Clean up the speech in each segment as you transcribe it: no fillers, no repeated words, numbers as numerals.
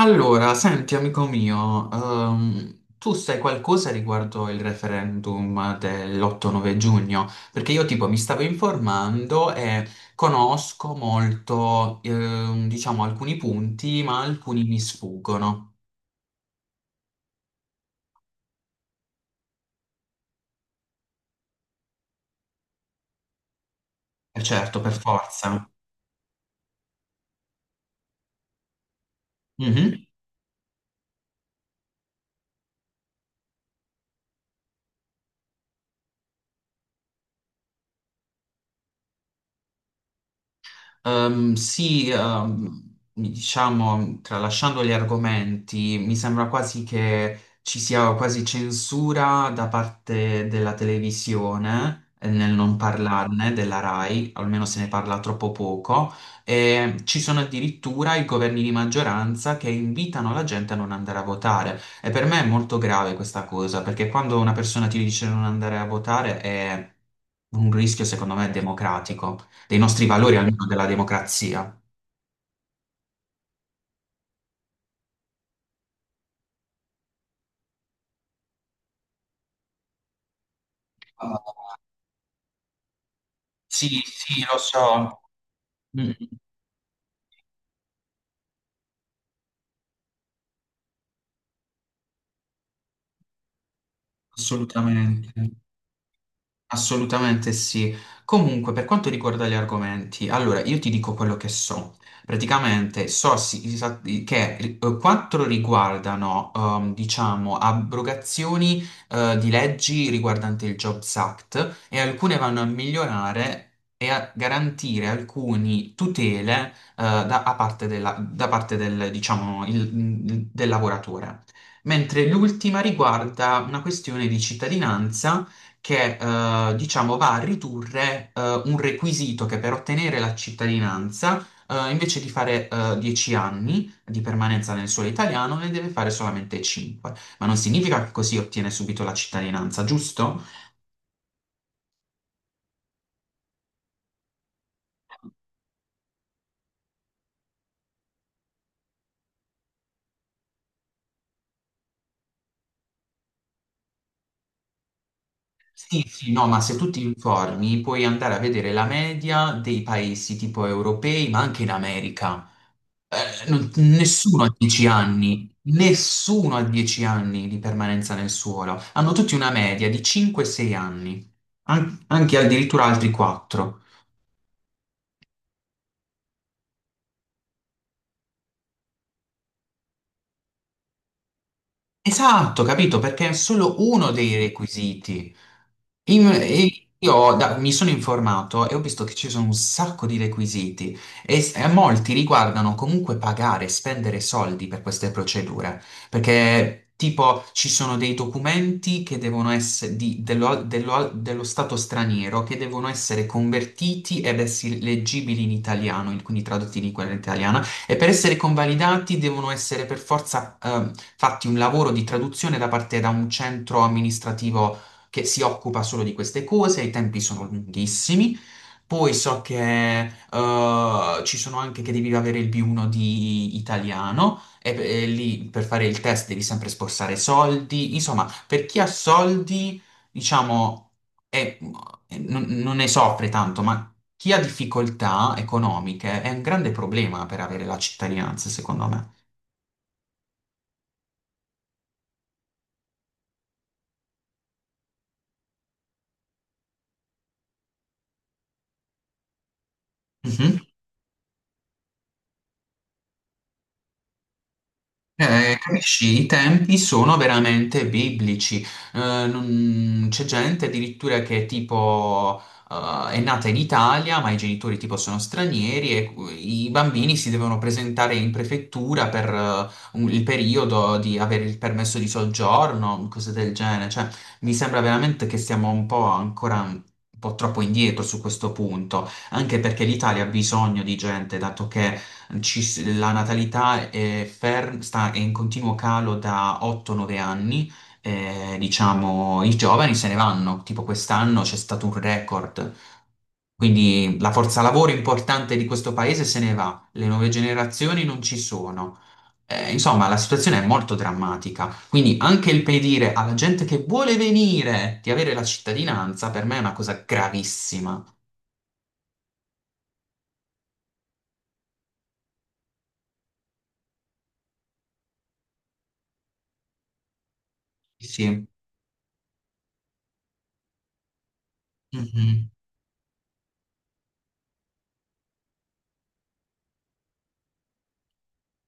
Allora, senti amico mio, tu sai qualcosa riguardo il referendum dell'8-9 giugno? Perché io tipo mi stavo informando e conosco molto, diciamo, alcuni punti, ma alcuni mi sfuggono. Eh certo, per forza. Mhm. Sì, diciamo, tralasciando gli argomenti, mi sembra quasi che ci sia quasi censura da parte della televisione nel non parlarne della RAI, almeno se ne parla troppo poco, e ci sono addirittura i governi di maggioranza che invitano la gente a non andare a votare. E per me è molto grave questa cosa, perché quando una persona ti dice di non andare a votare è un rischio, secondo me, democratico dei nostri valori, almeno della democrazia. Ah, sì, sì, lo so. Mm, assolutamente. Assolutamente sì. Comunque, per quanto riguarda gli argomenti, allora io ti dico quello che so. Praticamente so che quattro riguardano, diciamo, abrogazioni, di leggi riguardanti il Jobs Act e alcune vanno a migliorare e a garantire alcune tutele, da parte del, diciamo, del lavoratore. Mentre l'ultima riguarda una questione di cittadinanza che diciamo va a ridurre un requisito che per ottenere la cittadinanza, invece di fare 10 anni di permanenza nel suolo italiano, ne deve fare solamente 5. Ma non significa che così ottiene subito la cittadinanza, giusto? Sì, sì, no, ma se tu ti informi puoi andare a vedere la media dei paesi tipo europei, ma anche in America. Nessuno ha 10 anni, nessuno ha 10 anni di permanenza nel suolo. Hanno tutti una media di 5-6 anni, anche addirittura altri 4. Esatto, capito? Perché è solo uno dei requisiti. E io mi sono informato e ho visto che ci sono un sacco di requisiti e molti riguardano comunque pagare, spendere soldi per queste procedure, perché tipo ci sono dei documenti che devono essere dello stato straniero che devono essere convertiti ed essere leggibili in italiano, quindi tradotti in lingua italiana, e per essere convalidati devono essere per forza fatti un lavoro di traduzione da parte da un centro amministrativo che si occupa solo di queste cose, i tempi sono lunghissimi. Poi so che ci sono anche che devi avere il B1 di italiano e lì per fare il test devi sempre sborsare soldi. Insomma, per chi ha soldi, diciamo, non ne soffre tanto, ma chi ha difficoltà economiche è un grande problema per avere la cittadinanza, secondo me. Mhm. Capisci, i tempi sono veramente biblici. C'è gente addirittura che tipo è nata in Italia, ma i genitori tipo sono stranieri e i bambini si devono presentare in prefettura per il periodo di avere il permesso di soggiorno, cose del genere. Cioè, mi sembra veramente che stiamo un po' ancora un po' troppo indietro su questo punto, anche perché l'Italia ha bisogno di gente, dato che la natalità è in continuo calo da 8-9 anni, diciamo i giovani se ne vanno, tipo quest'anno c'è stato un record, quindi la forza lavoro importante di questo paese se ne va, le nuove generazioni non ci sono. Insomma, la situazione è molto drammatica, quindi anche il pedire alla gente che vuole venire di avere la cittadinanza per me è una cosa gravissima. Sì. Mhm.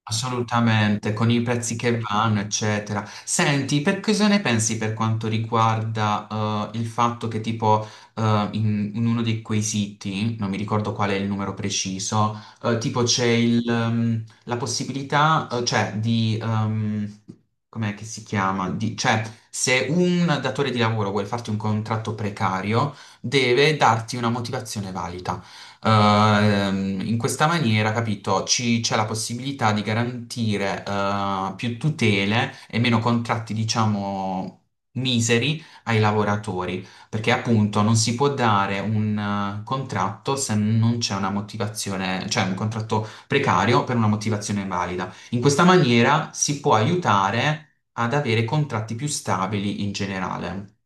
Assolutamente, con i prezzi che vanno, eccetera. Senti, per cosa ne pensi per quanto riguarda il fatto che tipo in uno di quei siti, non mi ricordo qual è il numero preciso, tipo c'è la possibilità, cioè com'è che si chiama? Cioè se un datore di lavoro vuole farti un contratto precario, deve darti una motivazione valida in questa maniera, capito, c'è la possibilità di garantire più tutele e meno contratti, diciamo, miseri ai lavoratori, perché appunto non si può dare un contratto se non c'è una motivazione, cioè un contratto precario per una motivazione valida. In questa maniera si può aiutare ad avere contratti più stabili in generale.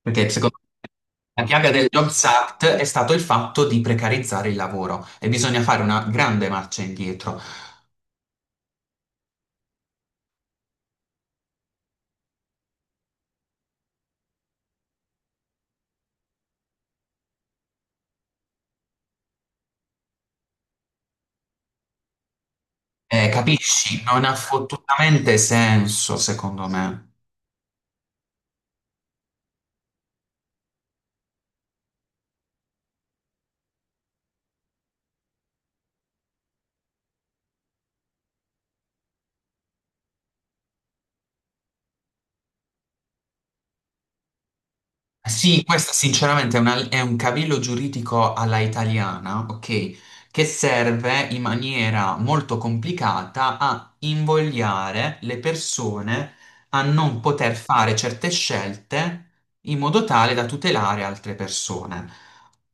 Perché secondo la piaga del Jobs Act è stato il fatto di precarizzare il lavoro e bisogna fare una grande marcia indietro. Capisci? Non ha fottutamente senso, secondo me. Sì, questo sinceramente è un cavillo giuridico alla italiana, ok, che serve in maniera molto complicata a invogliare le persone a non poter fare certe scelte in modo tale da tutelare altre persone.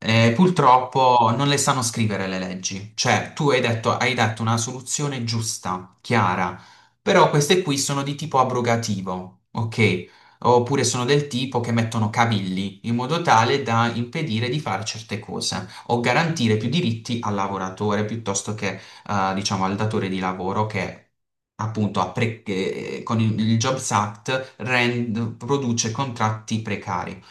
Purtroppo non le sanno scrivere le leggi, cioè tu hai detto, hai dato una soluzione giusta, chiara, però queste qui sono di tipo abrogativo, ok? Oppure sono del tipo che mettono cavilli in modo tale da impedire di fare certe cose o garantire più diritti al lavoratore piuttosto che, diciamo, al datore di lavoro che appunto che, con il Jobs Act produce contratti precari.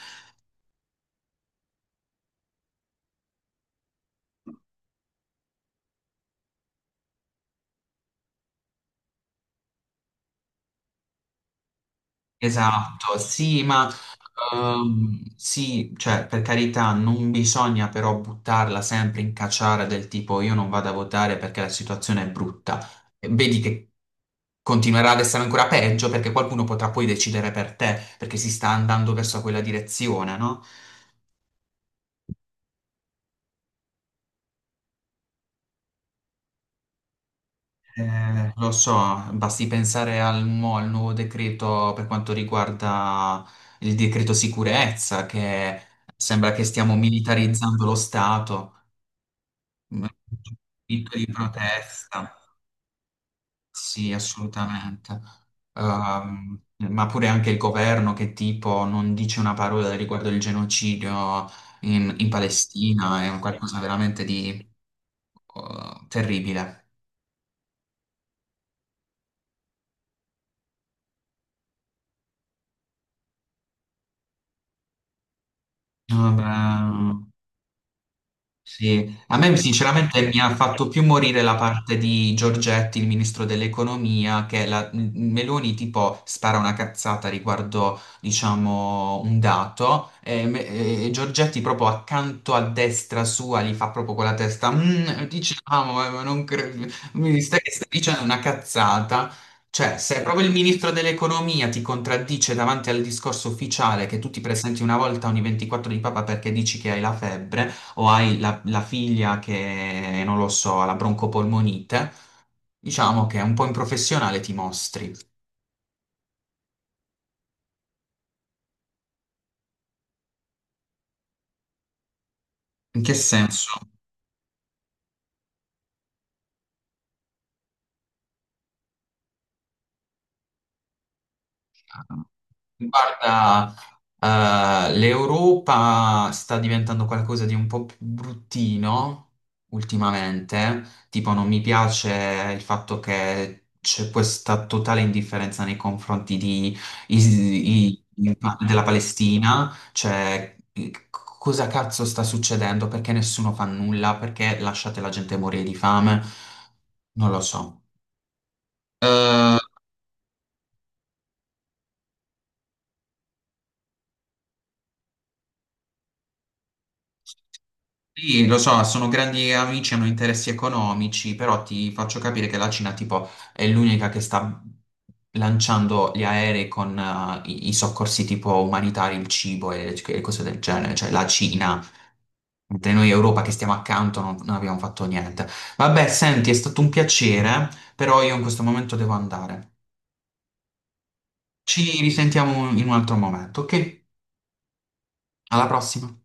Esatto, sì, ma sì, cioè per carità non bisogna però buttarla sempre in cacciara del tipo io non vado a votare perché la situazione è brutta. Vedi che continuerà ad essere ancora peggio perché qualcuno potrà poi decidere per te, perché si sta andando verso quella direzione, no? Lo so, basti pensare al nuovo decreto per quanto riguarda il decreto sicurezza, che sembra che stiamo militarizzando lo Stato, diritto di protesta. Sì, assolutamente. Ehm, ma pure anche il governo che tipo non dice una parola riguardo il genocidio in Palestina è un qualcosa veramente di terribile. Vabbè. Sì, a me sinceramente mi ha fatto più morire la parte di Giorgetti, il ministro dell'economia, che la Meloni tipo spara una cazzata riguardo, diciamo, un dato e Giorgetti proprio accanto a destra sua gli fa proprio con la testa, "Mm, diciamo, ma non credo, stai dicendo una cazzata." Cioè, se proprio il ministro dell'economia ti contraddice davanti al discorso ufficiale che tu ti presenti una volta ogni 24 di papa perché dici che hai la febbre, o hai la figlia che, non lo so, ha la broncopolmonite, diciamo che un po' in professionale ti mostri. In che senso? Guarda, l'Europa sta diventando qualcosa di un po' più bruttino ultimamente, tipo non mi piace il fatto che c'è questa totale indifferenza nei confronti i- i- della Palestina, cioè cosa cazzo sta succedendo, perché nessuno fa nulla, perché lasciate la gente morire di fame, non lo so. Sì, lo so, sono grandi amici, hanno interessi economici, però ti faccio capire che la Cina, tipo, è l'unica che sta lanciando gli aerei con i soccorsi tipo umanitari, il cibo e cose del genere, cioè la Cina, mentre noi Europa che stiamo accanto non abbiamo fatto niente. Vabbè, senti, è stato un piacere, però io in questo momento devo andare. Ci risentiamo in un altro momento, ok? Alla prossima.